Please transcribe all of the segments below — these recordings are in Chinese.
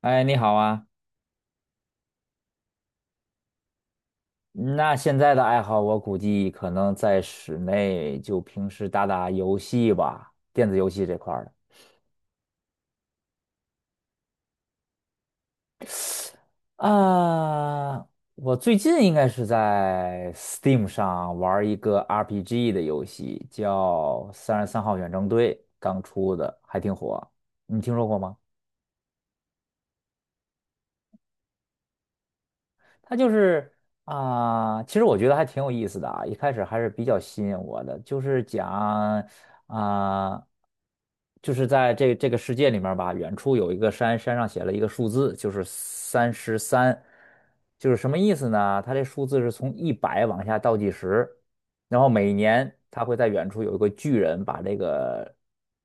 哎，你好啊！那现在的爱好，我估计可能在室内就平时打打游戏吧，电子游戏这块儿的。啊，我最近应该是在 Steam 上玩儿一个 RPG 的游戏，叫《三十三号远征队》，刚出的，还挺火。你听说过吗？它就是啊、其实我觉得还挺有意思的啊，一开始还是比较吸引我的，就是讲啊、就是在这个世界里面吧，远处有一个山，山上写了一个数字，就是三十三，就是什么意思呢？它这数字是从一百往下倒计时，然后每年它会在远处有一个巨人把这个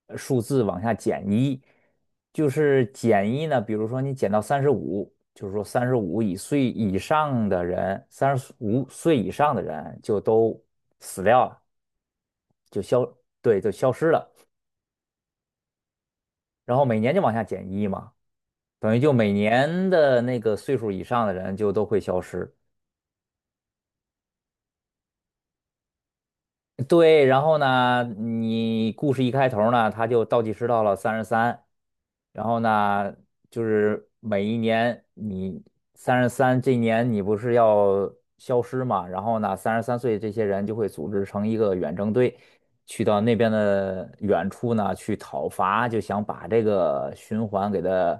数字往下减一，就是减一呢，比如说你减到三十五。就是说三十五以岁以上的人，三十五岁以上的人就都死掉了，对，就消失了。然后每年就往下减一嘛，等于就每年的那个岁数以上的人就都会消失。对，然后呢，你故事一开头呢，他就倒计时到了三十三，然后呢，就是每一年你三十三这一年你不是要消失嘛，然后呢，三十三岁这些人就会组织成一个远征队，去到那边的远处呢去讨伐，就想把这个循环给它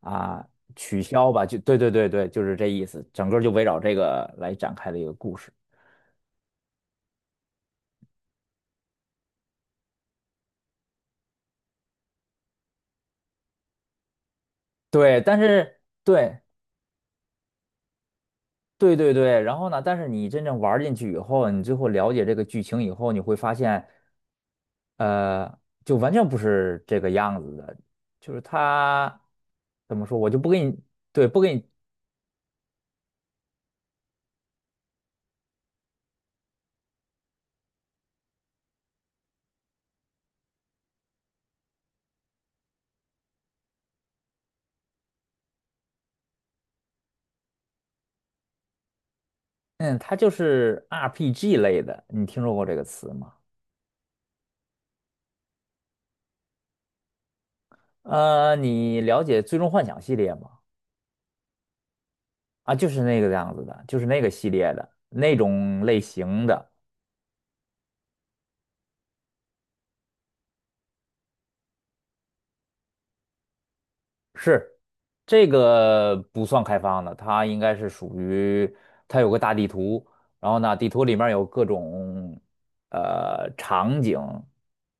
啊取消吧，就对对对对，就是这意思，整个就围绕这个来展开的一个故事。对，但是对对对对，然后呢，但是你真正玩儿进去以后，你最后了解这个剧情以后，你会发现，呃，就完全不是这个样子的，就是它怎么说，我就不给你，对，不给你，嗯，它就是 RPG 类的，你听说过这个词吗？你了解《最终幻想》系列吗？啊，就是那个样子的，就是那个系列的那种类型的。是，这个不算开放的，它应该是属于它有个大地图，然后呢，地图里面有各种场景，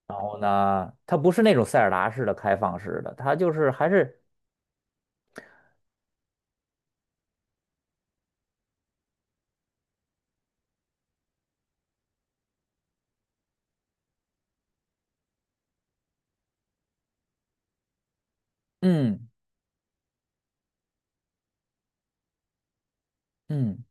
然后呢，它不是那种塞尔达式的开放式的，它就是还是嗯嗯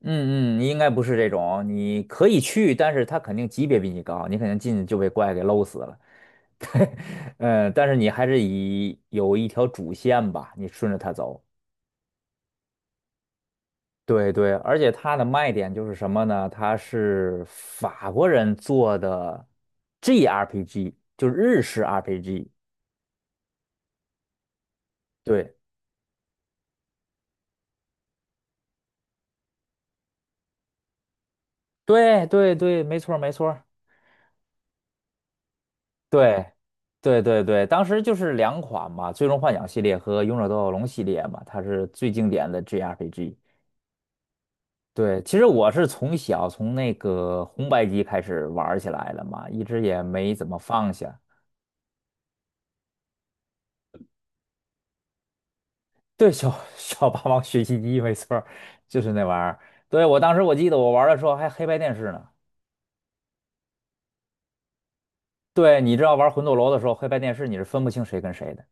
嗯嗯，应该不是这种，你可以去，但是它肯定级别比你高，你肯定进去就被怪给搂死了。对，嗯，但是你还是以有一条主线吧，你顺着它走。对对，而且它的卖点就是什么呢？它是法国人做的 GRPG，就是日式 RPG。对对对对，没错儿没错儿。对对对对，当时就是两款嘛，《最终幻想》系列和《勇者斗恶龙》系列嘛，它是最经典的 GRPG。对，其实我是从小从那个红白机开始玩儿起来了嘛，一直也没怎么放下。对，小 小霸王学习机没错儿就是那玩意儿。对，我当时我记得我玩儿的时候还黑白电视呢。对，你知道玩魂斗罗的时候，黑白电视你是分不清谁跟谁的。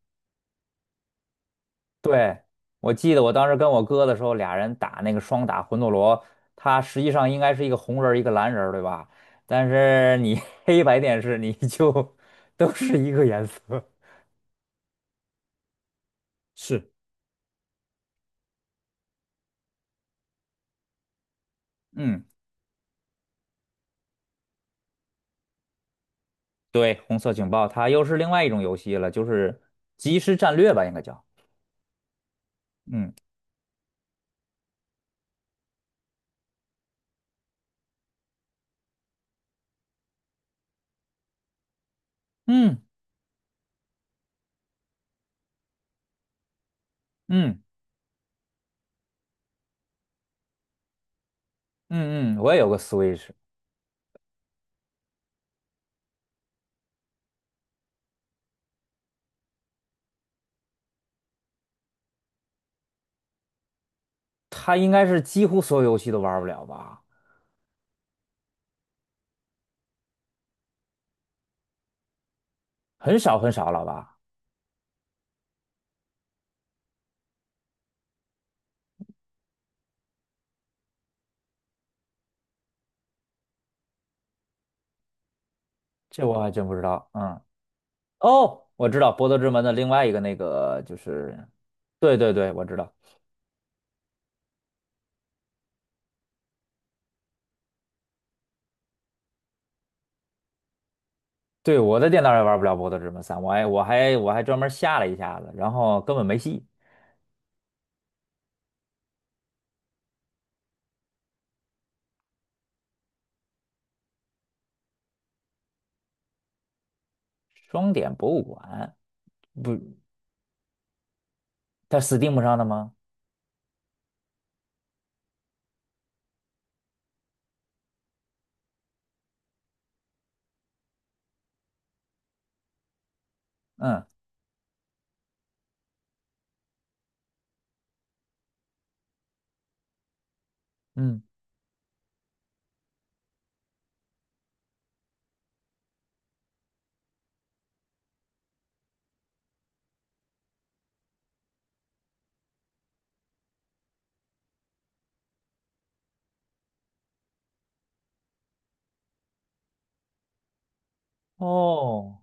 对，我记得我当时跟我哥的时候，俩人打那个双打魂斗罗，它实际上应该是一个红人儿一个蓝人儿对吧？但是你 黑白电视你就 都是一个颜色。是，嗯，对，红色警报，它又是另外一种游戏了，就是即时战略吧，应该叫。嗯嗯嗯。嗯嗯，我也有个 Switch，它应该是几乎所有游戏都玩不了吧？很少很少了吧？这我还真不知道。嗯，哦，我知道《博德之门》的另外一个那个就是，对对对，我知道。对，我的电脑也玩不了《博德之门三》，我还专门下了一下子，然后根本没戏。双点博物馆不，它 Steam 上的吗？嗯嗯，哦。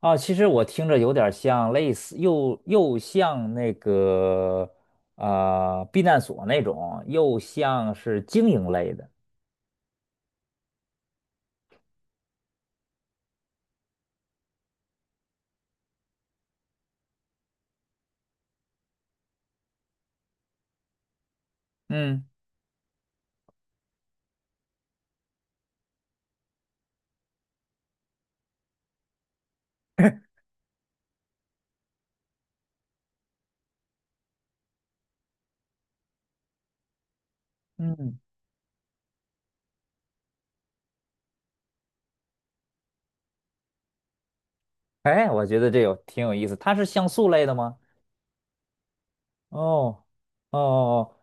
啊，其实我听着有点像类似，又像那个避难所那种，又像是经营类的。嗯嗯，哎，我觉得这有挺有意思。它是像素类的吗？哦哦哦，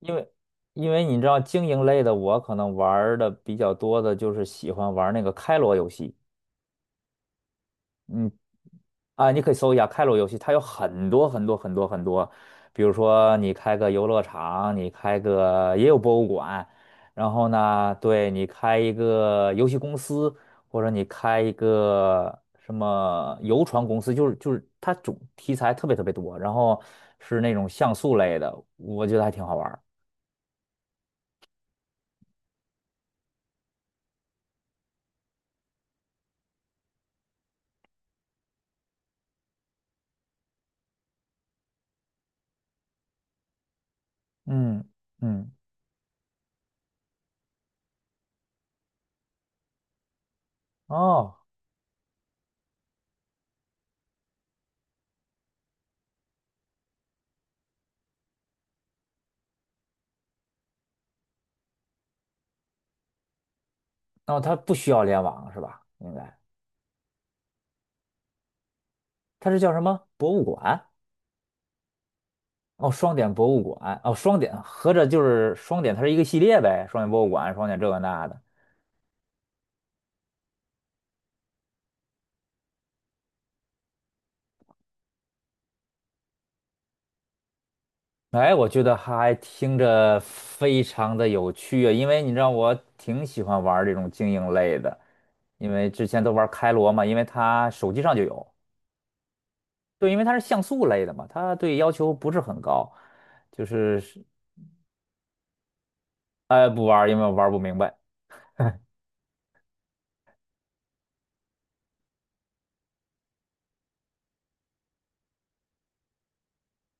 因为因为你知道经营类的，我可能玩儿的比较多的就是喜欢玩儿那个开罗游戏。嗯。啊，你可以搜一下开罗游戏，它有很多很多很多很多，比如说你开个游乐场，你开个也有博物馆，然后呢，对你开一个游戏公司，或者你开一个什么游船公司，就是它主题材特别特别多，然后是那种像素类的，我觉得还挺好玩儿嗯嗯，哦，那它不需要联网是吧？应该它是叫什么博物馆？哦，双点博物馆，哦，双点，合着就是双点，它是一个系列呗，双点博物馆，双点这个那的。哎，我觉得还听着非常的有趣啊，因为你知道我挺喜欢玩这种经营类的，因为之前都玩开罗嘛，因为它手机上就有，对，因为它是像素类的嘛，它对要求不是很高，就是是，哎，不玩儿因为我玩不明白。嗯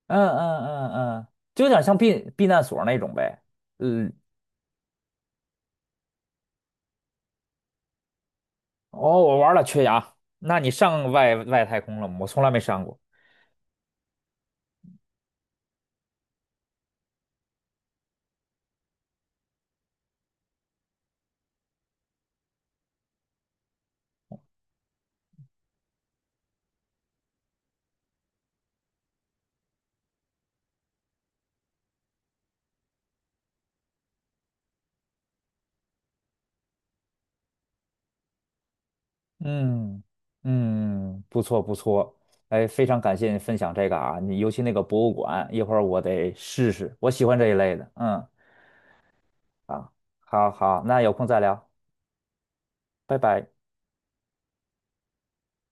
嗯嗯嗯，就有点像避难所那种呗。嗯。哦，我玩了缺牙，那你上外太空了吗？我从来没上过。嗯嗯，不错不错，哎，非常感谢你分享这个啊，你尤其那个博物馆，一会儿我得试试，我喜欢这一类的。嗯，啊，好好，那有空再聊，拜拜。